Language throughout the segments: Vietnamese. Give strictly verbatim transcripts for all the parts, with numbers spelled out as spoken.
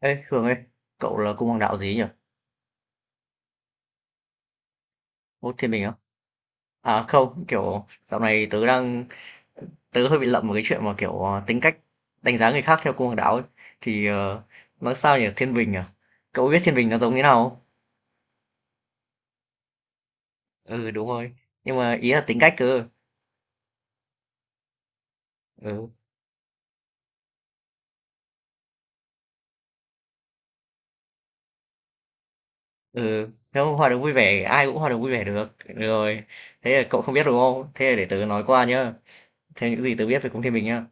Ê, Hường ơi, cậu là cung hoàng đạo gì nhỉ? Ô, thiên bình á? À không, kiểu dạo này tớ đang tớ hơi bị lậm một cái chuyện mà kiểu ờ, tính cách đánh giá người khác theo cung hoàng đạo ấy. Thì ờ, nói sao nhỉ, thiên bình à? Cậu biết thiên bình nó giống như nào không? Ừ đúng rồi. Nhưng mà ý là tính cách cơ. Ừ, ừ. Nếu hòa đồng vui vẻ, ai cũng hòa đồng vui vẻ được. Được rồi. Thế là cậu không biết đúng không? Thế là để tớ nói qua nhá. Theo những gì tớ biết về cung thiên bình nhá.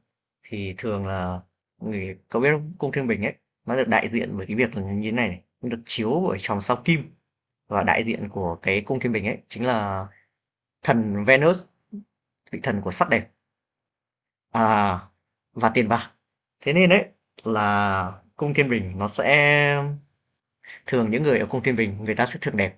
Thì thường là người có biết không? Cung Thiên Bình ấy, nó được đại diện bởi cái việc là như thế này này, nó được chiếu bởi chòm sao Kim và đại diện của cái Cung Thiên Bình ấy chính là thần Venus, vị thần của sắc đẹp à, và tiền bạc. Thế nên đấy là Cung Thiên Bình nó sẽ thường những người ở Cung Thiên Bình người ta sẽ thường đẹp.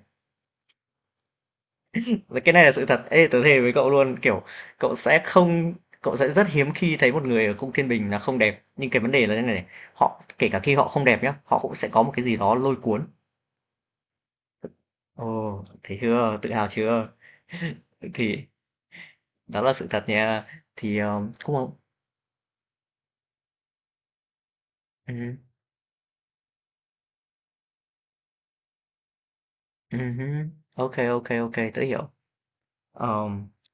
Rồi cái này là sự thật. Ê, tớ thề với cậu luôn, kiểu cậu sẽ không cậu sẽ rất hiếm khi thấy một người ở cung thiên bình là không đẹp. Nhưng cái vấn đề là thế này này, họ kể cả khi họ không đẹp nhá, họ cũng sẽ có một cái gì đó lôi cuốn. Ồ, thấy chưa? Tự hào chưa? Thì đó là sự thật nha. Thì um, cũng không. Ừ, ừ, ok ok ok, tớ hiểu. Ờ,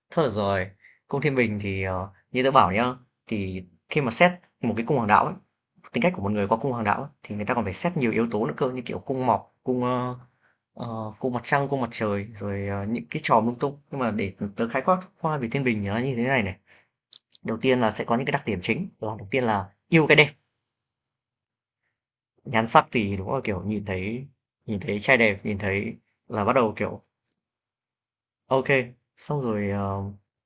thôi được rồi. Cung Thiên Bình thì ờ, như tớ bảo nhá, thì khi mà xét một cái cung hoàng đạo ấy, tính cách của một người qua cung hoàng đạo ấy, thì người ta còn phải xét nhiều yếu tố nữa cơ như kiểu cung mọc, cung ờ, ờ, cung mặt trăng, cung mặt trời, rồi ờ, những cái trò lung tung. Nhưng mà để tớ khái quát qua về Thiên Bình thì nó như thế này này. Đầu tiên là sẽ có những cái đặc điểm chính. Là đầu tiên là yêu cái đẹp, nhan sắc thì đúng là kiểu nhìn thấy nhìn thấy trai đẹp, nhìn thấy là bắt đầu kiểu ok. Xong rồi ờ,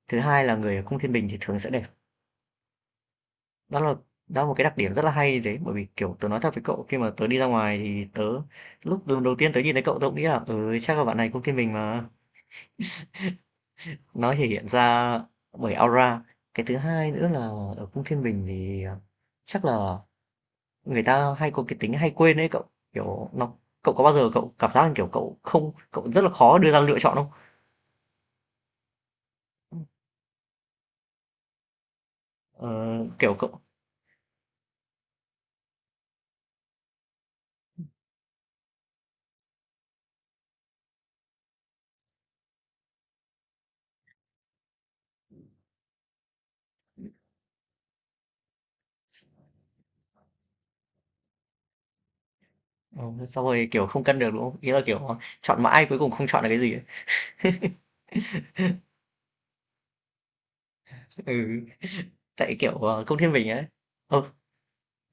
thứ hai là người ở cung Thiên Bình thì thường sẽ đẹp. Đó là đó là một cái đặc điểm rất là hay đấy, bởi vì, kiểu, tớ nói thật với cậu khi mà tớ đi ra ngoài thì tớ lúc lần đầu tiên tớ nhìn thấy cậu tớ cũng nghĩ là "Ừ, chắc là bạn này cũng thiên bình mà." Nó thể hiện ra bởi aura. Cái thứ hai nữa là ở cung thiên bình thì, ờ, chắc là người ta hay có cái tính hay quên đấy cậu, kiểu, nó cậu có bao giờ cậu cảm giác, kiểu, cậu không cậu rất là khó đưa ra lựa chọn không? Ờ, kiểu, cậu s ờ, xong rồi, kiểu, không cân được, đúng không? Ý là, kiểu, chọn mãi cuối cùng không chọn được cái gì ấy. Ừ, tại, kiểu, ờ, cung thiên bình ấy ờ.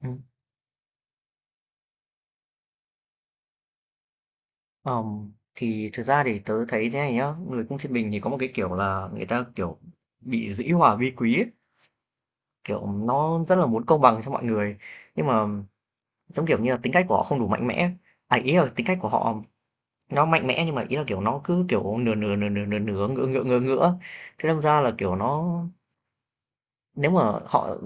Ừm, ờm, thì thực ra thì tớ thấy thế này nhá, người cung Thiên Bình thì có một cái, kiểu là, người ta, kiểu, bị dĩ hòa vi quý ấy, kiểu, nó rất là muốn công bằng cho mọi người. Nhưng mà, giống kiểu như là, tính cách của họ không đủ mạnh mẽ, à, ý là tính cách của họ nó mạnh mẽ nhưng mà ý là, kiểu, nó cứ, kiểu, nửa nửa, nửa nửa, nửa nửa, ngửa ngửa, ngửa ngửa. Thế đâm ra là, kiểu, nó nếu mà họ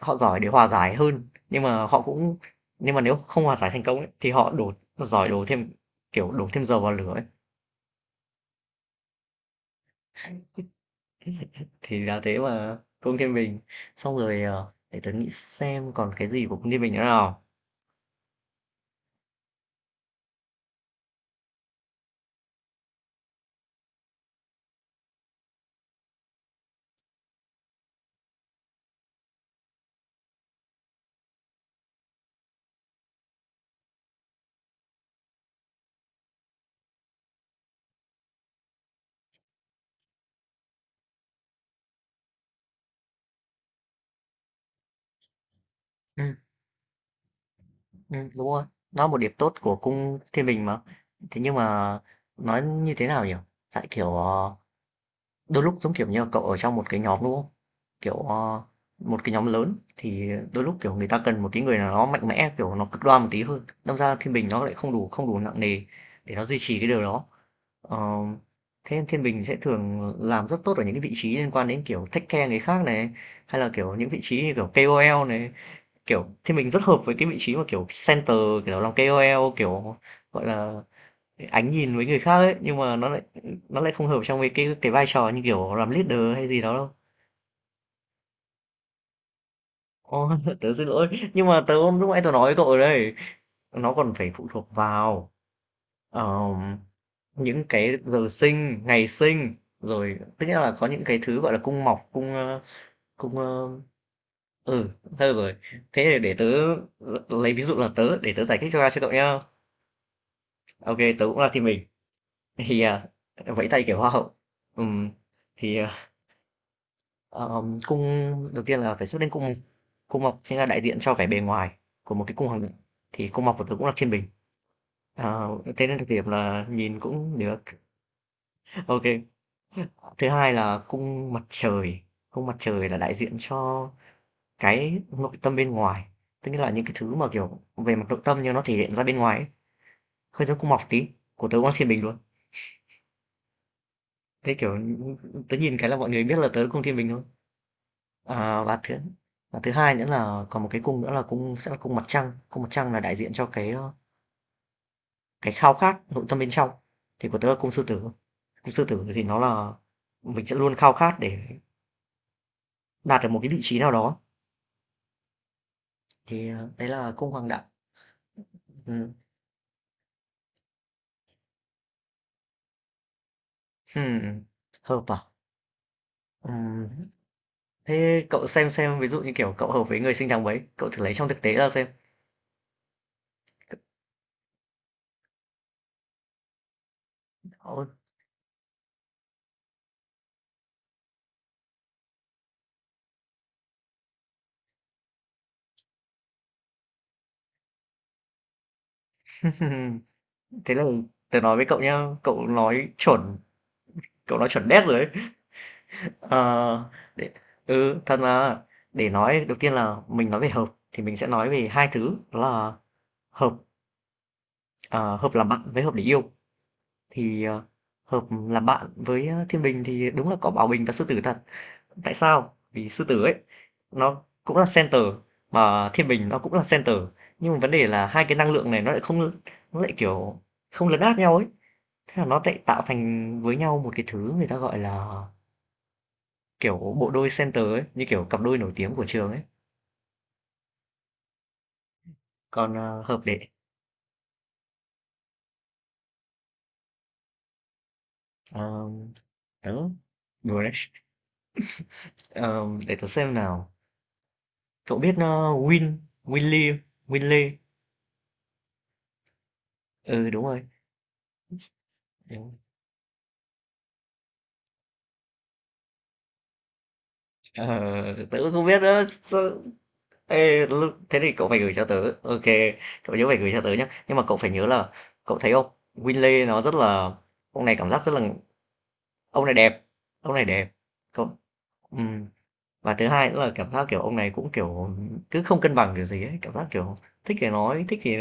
họ giỏi để hòa giải hơn, nhưng mà họ cũng nhưng mà nếu không hòa giải thành công ấy, thì họ đổ giỏi đổ thêm, kiểu, đổ thêm dầu vào lửa ấy. Thì là thế mà, Cung Thiên Bình. Xong rồi, ờ, để tớ nghĩ xem còn cái gì của Cung Thiên Bình nữa nào. Ừm, ừm, đúng rồi, nó là một điểm tốt của Cung Thiên Bình mà. Thế nhưng mà nói như thế nào nhỉ? Tại kiểu, ờ, đôi lúc giống kiểu như là cậu ở trong một cái nhóm đúng không? Kiểu, ờ, một cái nhóm lớn thì đôi lúc kiểu người ta cần một cái người nào đó mạnh mẽ, kiểu nó cực đoan một tí hơn. Đâm ra Thiên Bình nó lại không đủ không đủ nặng nề để nó duy trì cái điều đó. Ờ, thế Thiên Bình sẽ thường làm rất tốt ở những cái vị trí liên quan đến, kiểu, take care người khác này, hay là, kiểu, những vị trí như, kiểu, kây âu eo này. Kiểu, Thiên Bình rất hợp với cái vị trí mà, kiểu, center, kiểu, làm ca âu lờ, kiểu, gọi là, ánh nhìn với người khác ấy, nhưng mà nó lại nó lại không hợp trong cái cái cái vai trò như, kiểu, làm leader hay gì đó đâu. Ô, tớ xin lỗi, nhưng mà tớ lúc nãy tớ nói với cậu rồi đấy, nó còn phải phụ thuộc vào, ờ những cái giờ sinh, ngày sinh, rồi tức nghĩa là có những cái thứ, gọi là, cung mọc, cung, ơ, cung, ơ ừ, thôi rồi. Thế thì để tớ lấy ví dụ là tớ, để tớ giải thích cho cho cậu nhá. Ô kê, tớ cũng là team mình, thì, à, vẫy tay kiểu hoa hậu. Ừm, thì, à, ờm, cung đầu tiên là phải xuất lên cung cung mọc chính là đại diện cho vẻ bề ngoài của một cái cung hoàng đạo, thì cung mọc của tớ cũng là thiên bình, ờ, thế nên đặc điểm là nhìn cũng được. Ok. Thứ hai là cung mặt trời, cung mặt trời là đại diện cho cái nội tâm bên ngoài, tức là những cái thứ mà, kiểu, về mặt nội tâm nhưng nó thể hiện ra bên ngoài ấy, hơi giống cung mọc tí, của tớ Quang Thiên Bình luôn. Thế, kiểu, tớ nhìn cái là mọi người biết là tớ cung Thiên Bình luôn. À, và thứ và thứ hai nữa là còn một cái cung nữa là cung sẽ là cung mặt trăng, cung mặt trăng là đại diện cho cái, ơ, cái khao khát nội tâm bên trong, thì của tớ là cung Sư Tử. Cung Sư Tử thì nó là mình sẽ luôn khao khát để đạt được một cái vị trí nào đó, thì, ờ, đấy là cung Hoàng đạo. Ừm. Ừm, hợp à? Ừm, thế cậu xem xem, ví dụ như, kiểu, cậu hợp với người sinh tháng mấy, cậu thử lấy trong thực tế ra xem. Ôi, thế là tớ nói với cậu nhá, cậu nói chuẩn, cậu nói chuẩn đét rồi ấy. Ờ, để ừ, thật mà, để nói đầu tiên là mình nói về hợp thì mình sẽ nói về hai thứ, đó là hợp, ờ, hợp làm bạn với hợp để yêu. Thì, ờ, hợp làm bạn với, a, thiên bình thì đúng là có Bảo Bình và Sư Tử thật. Tại sao? Vì sư tử ấy nó cũng là center mà thiên bình nó cũng là center nhưng mà vấn đề là hai cái năng lượng này nó lại không nó lại kiểu không lấn át nhau ấy thế là nó lại tạo thành với nhau một cái thứ người ta gọi là kiểu bộ đôi center ấy như kiểu cặp đôi nổi tiếng của trường ấy còn ờ, hợp để um, đó đùa đấy. Ờ, để tớ xem nào cậu biết ờ, Win Winley Winley ừ đúng rồi. Đúng. Ờ, tớ cũng không biết nữa sao, Ê, lu- thế thì cậu phải gửi cho tớ ok cậu nhớ phải gửi cho tớ nhé nhưng mà cậu phải nhớ là cậu thấy không Winley nó rất là ông này cảm giác rất là ông này đẹp ông này đẹp cậu ừm, và thứ hai nữa là cảm giác kiểu ông này cũng kiểu cứ không cân bằng kiểu gì ấy cảm giác kiểu thích thì nói thích thì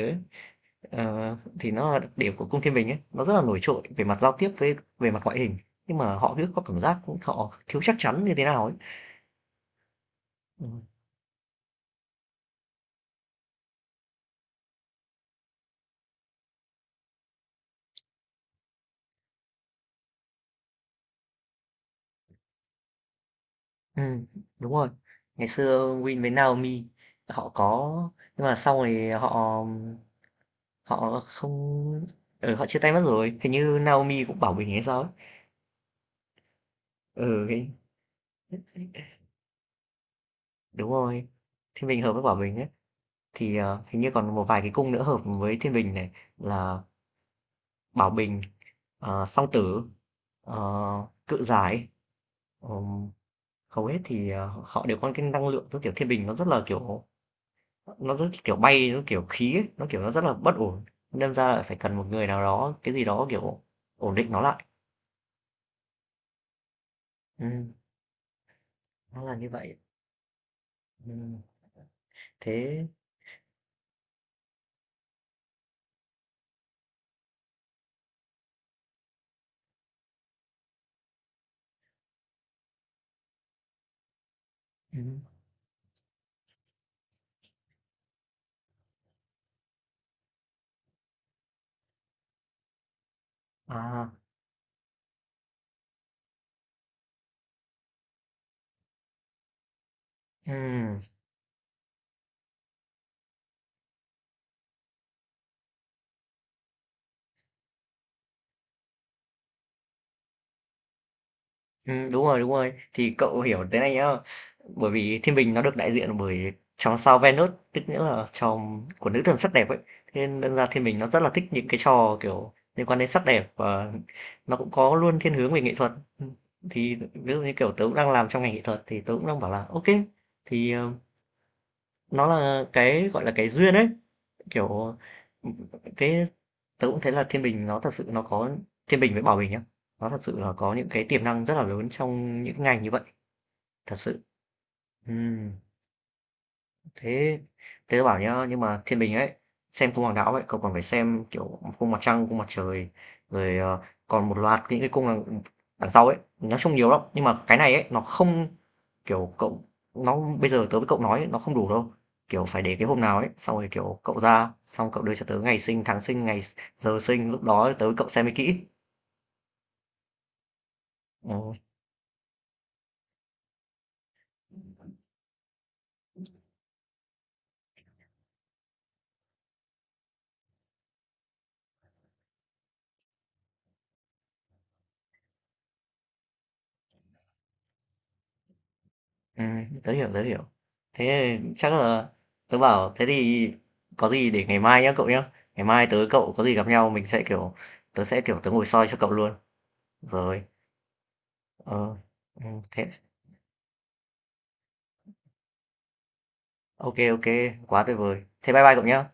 ờ, thì nó là đặc điểm của cung thiên bình ấy nó rất là nổi trội về mặt giao tiếp với về mặt ngoại hình nhưng mà họ cứ có cảm giác họ thiếu chắc chắn như thế nào ấy. Ừ. Ừm, đúng rồi. Ngày xưa Win với Naomi họ có nhưng mà sau này họ họ không ừ, họ chia tay mất rồi. Hình như Naomi cũng Bảo Bình hay sao ấy. Ừ, cái đúng rồi. Thiên Bình hợp với Bảo Bình ấy thì ờ, hình như còn một vài cái cung nữa hợp với Thiên Bình này là Bảo Bình, ờ, Song Tử, ờ, Cự Giải. Ừm, hầu hết thì ờ, họ đều có cái năng lượng giống kiểu Thiên Bình nó rất là kiểu nó rất kiểu bay nó kiểu khí ấy, nó kiểu nó rất là bất ổn đâm ra là phải cần một người nào đó cái gì đó kiểu ổn định nó lại ừ, nó là như vậy ừ, thế ừ, à ừ. Ừm, đúng rồi, đúng rồi. Thì cậu hiểu thế này nhá, bởi vì thiên bình nó được đại diện bởi chòm sao Venus, tức nghĩa là chòm của nữ thần sắc đẹp ấy. Thế nên đâm ra thiên bình nó rất là thích những cái trò, kiểu, liên quan đến sắc đẹp và nó cũng có luôn thiên hướng về nghệ thuật. Ừm, thì ví dụ như, kiểu, tớ cũng đang làm trong ngành nghệ thuật thì tớ cũng đang bảo là ok thì, ờ, nó là cái, gọi là, cái duyên ấy, kiểu, ừm, thế tớ cũng thấy là Thiên Bình nó thật sự nó có Thiên Bình với Bảo Bình nhá, nó thật sự là có những cái tiềm năng rất là lớn trong những ngành như vậy, thật sự. Ừm. Thế thế tớ bảo nhá, nhưng mà thiên bình ấy, xem cung hoàng đạo ấy, cậu còn phải xem kiểu cung mặt trăng, cung mặt trời, rồi ờ, còn một loạt những cái cung đằng, đằng sau ấy, nói chung nhiều lắm. Nhưng mà cái này ấy, nó không kiểu cậu, nó bây giờ tớ với cậu nói ấy, nó không đủ đâu. Kiểu phải để cái hôm nào ấy, xong rồi kiểu cậu ra, xong cậu đưa cho tớ ngày sinh, tháng sinh, ngày s- giờ sinh, lúc đó tớ với cậu xem mới kỹ. Ừ. À, tớ hiểu, tớ hiểu. Thế chắc là tớ bảo thế thì có gì để ngày mai nhá cậu nhá. Ngày mai tớ cậu có gì gặp nhau mình sẽ kiểu tớ sẽ kiểu tớ ngồi soi cho cậu luôn. Rồi. Ờ. Ừ, thế ok ok, quá tuyệt vời. Thế bye bye cậu nhá.